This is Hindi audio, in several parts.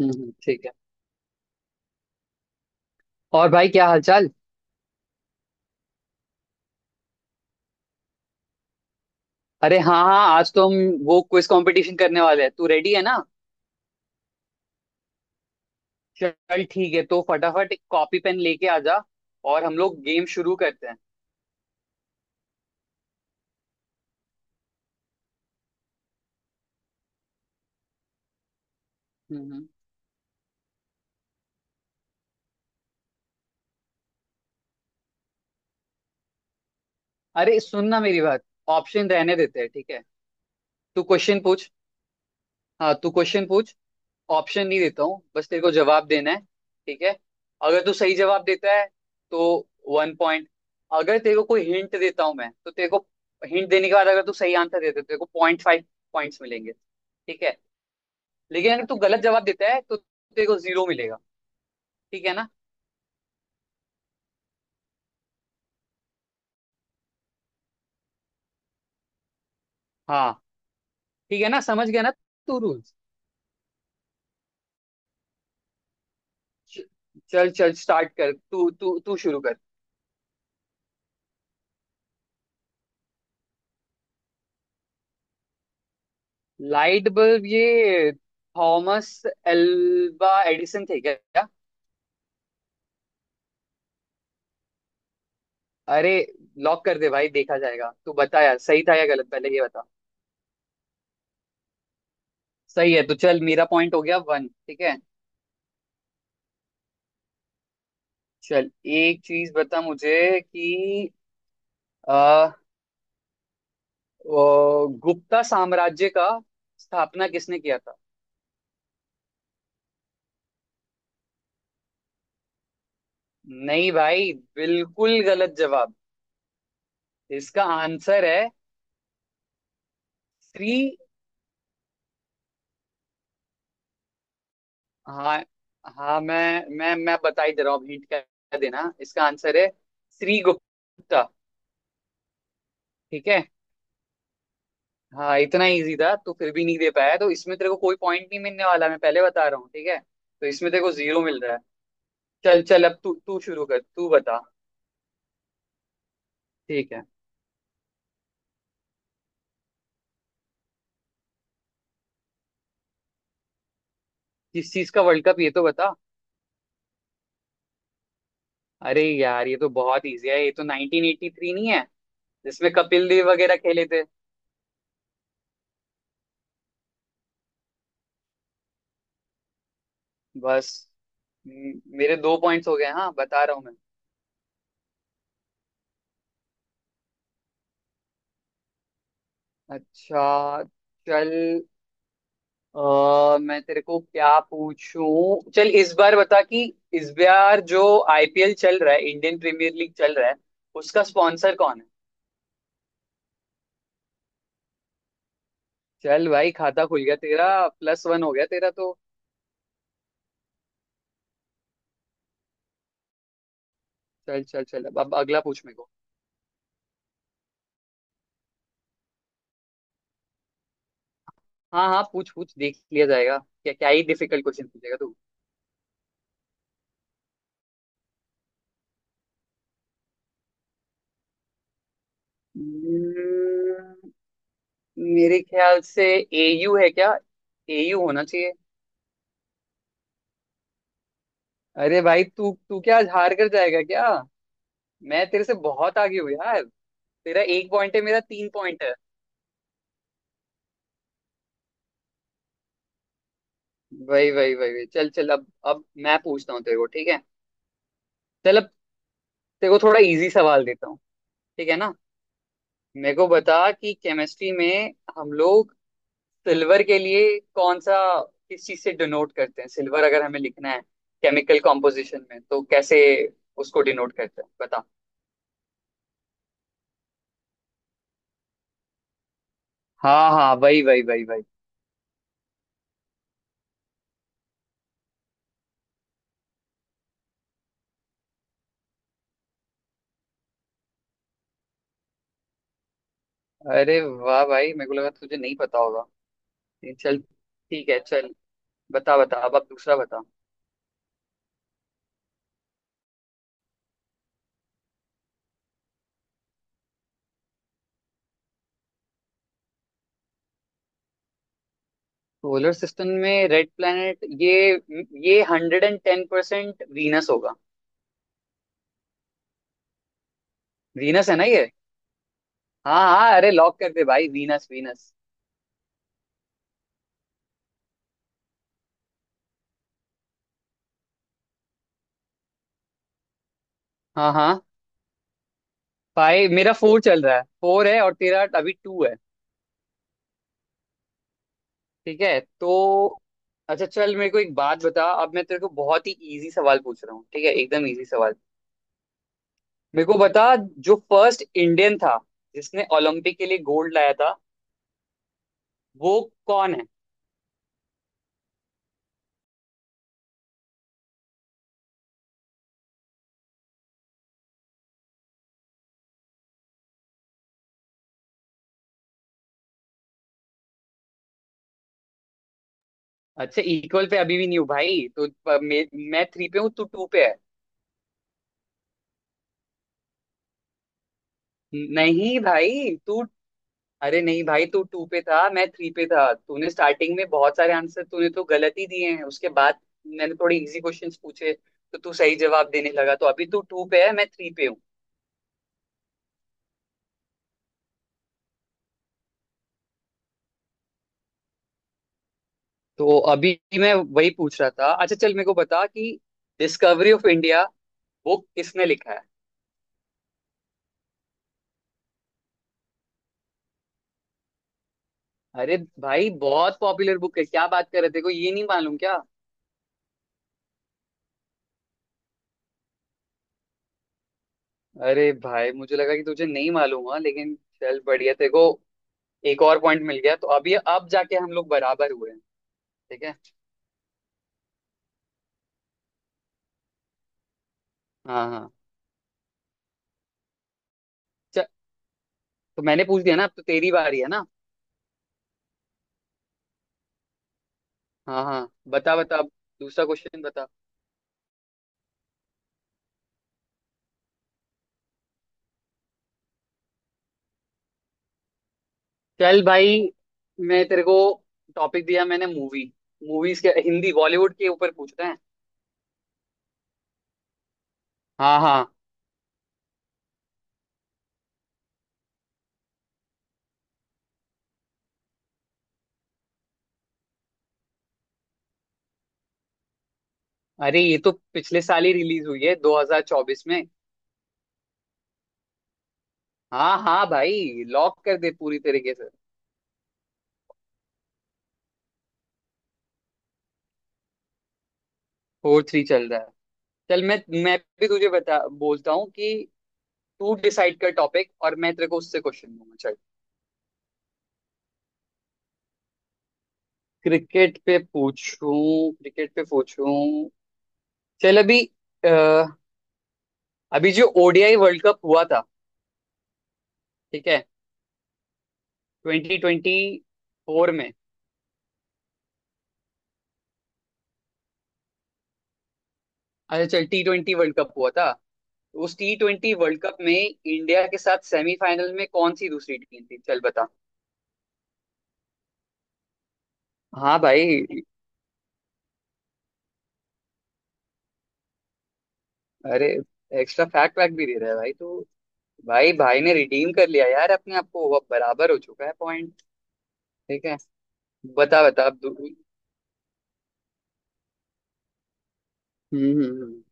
ठीक है। और भाई क्या हालचाल। अरे हाँ हाँ, आज तो हम वो क्विज कंपटीशन करने वाले हैं, तू रेडी है ना। चल ठीक है, तो फटाफट कॉपी पेन लेके आ जा और हम लोग गेम शुरू करते हैं। हम्म हम्म। अरे सुन ना मेरी बात, ऑप्शन रहने देते हैं, ठीक है। तू क्वेश्चन पूछ। हाँ, तू क्वेश्चन पूछ। ऑप्शन नहीं देता हूँ, बस तेरे को जवाब देना है। ठीक है, अगर तू सही जवाब देता है तो वन पॉइंट। अगर तेरे को कोई हिंट देता हूँ मैं, तो तेरे को हिंट देने के बाद अगर तू सही आंसर देता है तो तेरे को पॉइंट फाइव पॉइंट्स मिलेंगे, ठीक है। लेकिन अगर तू गलत जवाब देता है तो तेरे को जीरो मिलेगा, ठीक है ना। हाँ, ठीक है ना, समझ गया ना। तू रूल्स, चल चल स्टार्ट कर, तू तू तू शुरू कर। लाइट बल्ब ये थॉमस एल्वा एडिसन थे क्या। अरे लॉक कर दे भाई, देखा जाएगा, तू बता यार सही था या गलत, पहले ये बता। सही है तो चल, मेरा पॉइंट हो गया वन, ठीक है। चल एक चीज बता मुझे कि आ, वो गुप्ता साम्राज्य का स्थापना किसने किया था। नहीं भाई, बिल्कुल गलत जवाब। इसका आंसर है श्री। हाँ, हाँ मैं बता ही दे रहा हूँ, हिंट क्या देना, इसका आंसर है श्री गुप्ता। ठीक है, हाँ इतना इजी था तो फिर भी नहीं दे पाया, तो इसमें तेरे को कोई पॉइंट नहीं मिलने वाला, मैं पहले बता रहा हूँ, ठीक है, तो इसमें तेरे को जीरो मिल रहा है। चल चल, अब तू तू शुरू कर, तू बता। ठीक है, किस चीज का वर्ल्ड कप ये तो बता। अरे यार, ये तो बहुत इजी है, ये तो 1983 नहीं है जिसमें कपिल देव वगैरह खेले थे। बस मेरे दो पॉइंट्स हो गए, हाँ, बता रहा हूँ मैं। अच्छा चल, अ मैं तेरे को क्या पूछूं, चल इस बार बता कि इस बार जो आईपीएल चल रहा है, इंडियन प्रीमियर लीग चल रहा है, उसका स्पॉन्सर कौन है। चल भाई, खाता खुल गया तेरा, प्लस वन हो गया तेरा तो। चल चल चल, अब अगला पूछ मेरे को। हाँ हाँ, पूछ पूछ, देख लिया जाएगा, क्या क्या ही डिफिकल्ट क्वेश्चन पूछेगा तू। Hmm, मेरे ख्याल से एयू है क्या, एयू होना चाहिए। अरे भाई, तू तू क्या आज हार कर जाएगा क्या, मैं तेरे से बहुत आगे हूँ यार। तेरा एक पॉइंट है, मेरा तीन पॉइंट है। वही वही वही वही, चल चल अब मैं पूछता हूँ तेरे को, ठीक है। चल अब तेरे को थोड़ा इजी सवाल देता हूँ, ठीक है ना। मेरे को बता कि केमिस्ट्री में हम लोग सिल्वर के लिए कौन सा, किस चीज से डिनोट करते हैं सिल्वर, अगर हमें लिखना है केमिकल कॉम्पोजिशन में तो कैसे उसको डिनोट करते हैं, बता। हाँ हाँ, वही वही वही वही। अरे वाह भाई, मेरे को लगा तुझे नहीं पता होगा। चल ठीक है, चल बता बता अब दूसरा बता। सोलर सिस्टम में रेड प्लैनेट, ये hundred and ten percent Venus होगा। वीनस है ना ये। हाँ हाँ, अरे लॉक कर दे भाई, वीनस वीनस। हाँ हाँ भाई, मेरा फोर चल रहा है, फोर है और तेरा अभी टू है, ठीक है तो। अच्छा चल, मेरे को एक बात बता, अब मैं तेरे को बहुत ही इजी सवाल पूछ रहा हूँ, ठीक है, एकदम इजी सवाल। मेरे को बता, जो फर्स्ट इंडियन था जिसने ओलंपिक के लिए गोल्ड लाया था, वो कौन है। अच्छा, इक्वल पे अभी भी नहीं हूँ भाई तो मैं थ्री पे हूँ, तू टू पे है। नहीं भाई तू अरे नहीं भाई, तू टू पे था, मैं थ्री पे था, तूने स्टार्टिंग में बहुत सारे आंसर तूने तो गलत ही दिए हैं, उसके बाद मैंने थोड़े इजी क्वेश्चंस पूछे तो तू सही जवाब देने लगा, तो अभी तू टू पे है, मैं थ्री पे हूँ। तो अभी मैं वही पूछ रहा था, अच्छा चल, मेरे को बता कि डिस्कवरी ऑफ इंडिया बुक किसने लिखा है। अरे भाई, बहुत पॉपुलर बुक है, क्या बात कर रहे, तेरे को ये नहीं मालूम क्या। अरे भाई, मुझे लगा कि तुझे नहीं मालूम हुआ, लेकिन चल बढ़िया, तेरे को एक और पॉइंट मिल गया, तो अभी अब जाके हम लोग बराबर हुए हैं। ठीक है, हाँ हाँ। चल तो मैंने पूछ दिया ना, अब तो तेरी बारी है ना। हाँ हाँ बता बता, अब दूसरा क्वेश्चन बता। चल भाई, मैं तेरे को टॉपिक दिया मैंने, मूवी मूवीज के, हिंदी बॉलीवुड के ऊपर पूछ रहे हैं। हाँ हाँ, अरे ये तो पिछले साल ही रिलीज हुई है, 2024 में। हाँ हाँ भाई, लॉक कर दे पूरी तरीके से। फोर थ्री चल रहा है। चल मैं भी तुझे बता, बोलता हूँ कि तू डिसाइड कर टॉपिक और मैं तेरे को उससे क्वेश्चन दूंगा, चल। क्रिकेट पे पूछूं, क्रिकेट पे पूछूं। चल अभी, अ, अभी जो ओडीआई वर्ल्ड कप हुआ था, ठीक है, ट्वेंटी ट्वेंटी फोर में। अच्छा चल, टी ट्वेंटी वर्ल्ड कप हुआ था। उस टी ट्वेंटी वर्ल्ड कप में इंडिया के साथ सेमीफाइनल में कौन सी दूसरी टीम थी, चल बता। हाँ भाई। अरे एक्स्ट्रा फैक्ट वैक्ट भी दे रहा है भाई तो, भाई भाई ने रिडीम कर लिया यार अपने आप को, वो अब बराबर हो चुका है पॉइंट, ठीक है। बता बता, हम्म हम्म, हम्म।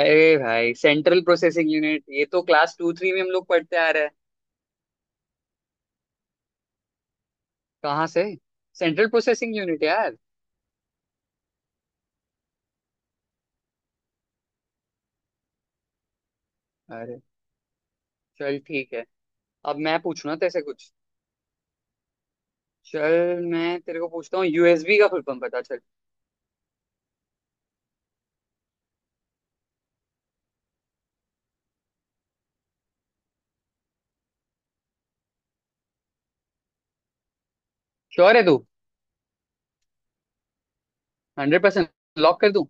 अरे भाई, सेंट्रल प्रोसेसिंग यूनिट, ये तो क्लास टू थ्री में हम लोग पढ़ते आ रहे हैं। कहाँ से, सेंट्रल प्रोसेसिंग यूनिट यार। अरे चल ठीक है, अब मैं पूछूंगा तेरे से कुछ। चल मैं तेरे को पूछता हूँ, यूएसबी का फुल फॉर्म बता, चल। श्योर है तू, हंड्रेड परसेंट, लॉक कर दूं।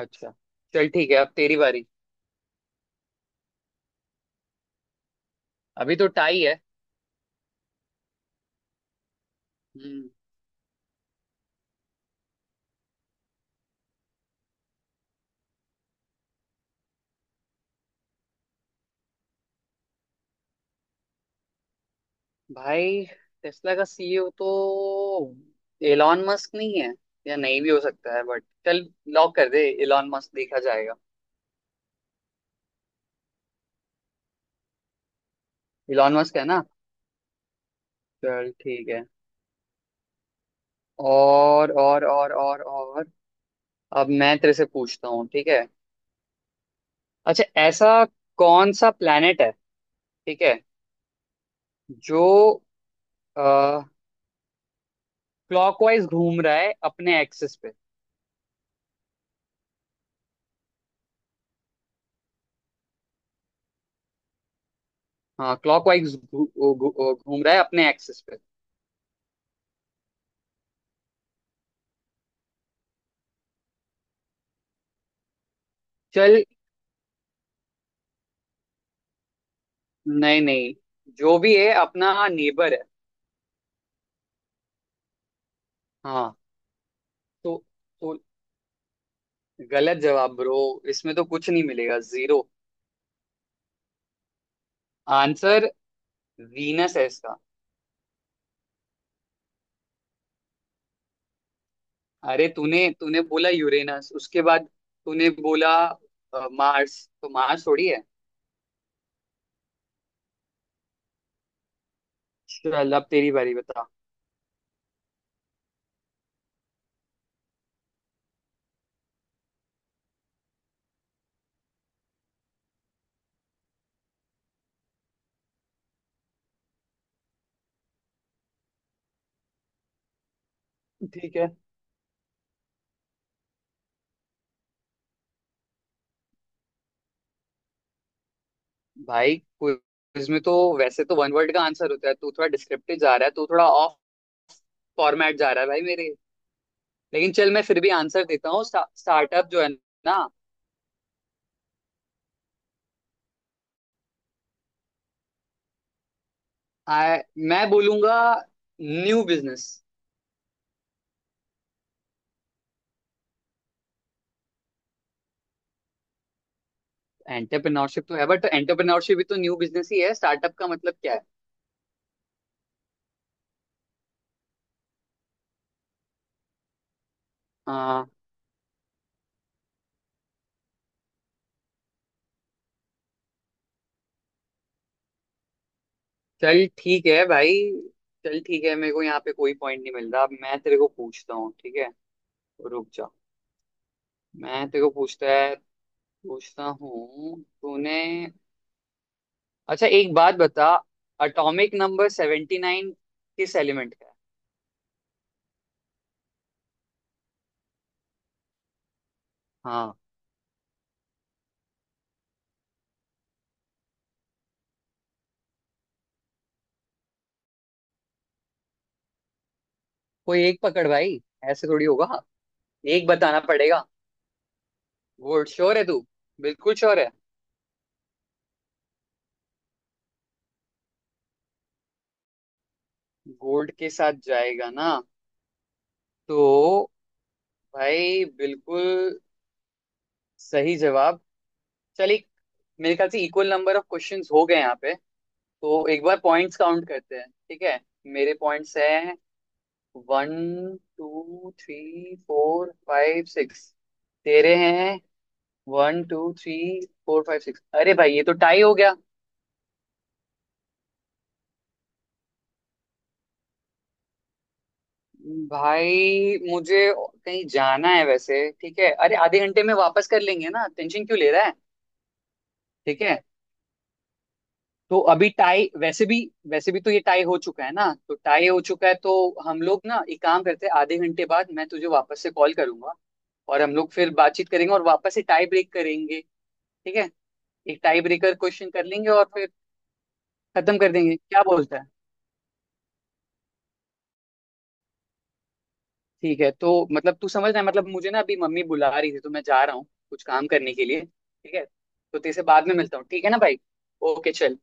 अच्छा चल ठीक है, अब तेरी बारी। अभी तो टाई है। हम्म। भाई टेस्ला का सीईओ तो एलॉन मस्क नहीं है, या नहीं भी हो सकता है, बट चल, लॉक कर दे एलॉन मस्क, देखा जाएगा। एलॉन मस्क है ना। चल ठीक है। और अब मैं तेरे से पूछता हूँ, ठीक है। अच्छा, ऐसा कौन सा प्लेनेट है, ठीक है, जो क्लॉकवाइज घूम रहा है अपने एक्सिस पे। हाँ, क्लॉकवाइज घूम रहा है अपने एक्सिस पे। चल। नहीं नहीं, जो भी है अपना नेबर है। हाँ तो, तो गलत जवाब ब्रो, इसमें तो कुछ नहीं मिलेगा, जीरो। आंसर वीनस है इसका। अरे तूने तूने बोला यूरेनस, उसके बाद तूने बोला मार्स, तो मार्स थोड़ी है। चल अब तेरी बारी, बता। ठीक है भाई, क्विज में तो वैसे तो वन वर्ड का आंसर होता है, तू थोड़ा डिस्क्रिप्टिव जा रहा है, तू थोड़ा ऑफ फॉर्मेट जा रहा है भाई मेरे। लेकिन चल मैं फिर भी आंसर देता हूँ, स्टार्टअप जो है ना। आ, मैं बोलूंगा न्यू बिजनेस। एंटरप्रेन्योरशिप तो है बट, एंटरप्रेन्योरशिप भी तो न्यू बिजनेस ही है, स्टार्टअप का मतलब क्या है। चल ठीक है भाई, चल ठीक है, मेरे को यहाँ पे कोई पॉइंट नहीं मिल रहा। अब मैं तेरे को पूछता हूँ, ठीक है, रुक जा, मैं तेरे को पूछता हूँ। तूने अच्छा एक बात बता, अटोमिक नंबर सेवेंटी नाइन किस एलिमेंट का है। हाँ, कोई एक पकड़ भाई, ऐसे थोड़ी होगा, एक बताना पड़ेगा। गोल्ड, श्योर है तू, बिल्कुल श्योर है। गोल्ड के साथ जाएगा ना, तो भाई, बिल्कुल सही जवाब। चल एक, मेरे ख्याल से इक्वल नंबर ऑफ क्वेश्चंस हो गए यहाँ पे, तो एक बार पॉइंट्स काउंट करते हैं, ठीक है। मेरे पॉइंट्स हैं one two three four five six. तेरे हैं one two three four five six, अरे भाई, ये तो टाई हो गया। भाई, मुझे कहीं जाना है वैसे, ठीक है, अरे आधे घंटे में वापस कर लेंगे ना, टेंशन क्यों ले रहा है। ठीक है, तो अभी टाई वैसे भी, वैसे भी तो ये टाई हो चुका है ना, तो टाई हो चुका है तो हम लोग ना एक काम करते हैं, आधे घंटे बाद मैं तुझे वापस से कॉल करूंगा, और हम लोग फिर बातचीत करेंगे और वापस से टाई ब्रेक करेंगे, ठीक है। एक टाई ब्रेकर क्वेश्चन कर लेंगे और फिर खत्म कर देंगे, क्या बोलता है। ठीक है, तो मतलब, तू समझ रहा है मतलब, मुझे ना अभी मम्मी बुला रही थी, तो मैं जा रहा हूँ कुछ काम करने के लिए, ठीक है, तो तेरे से बाद में मिलता हूँ, ठीक है ना भाई। ओके चल।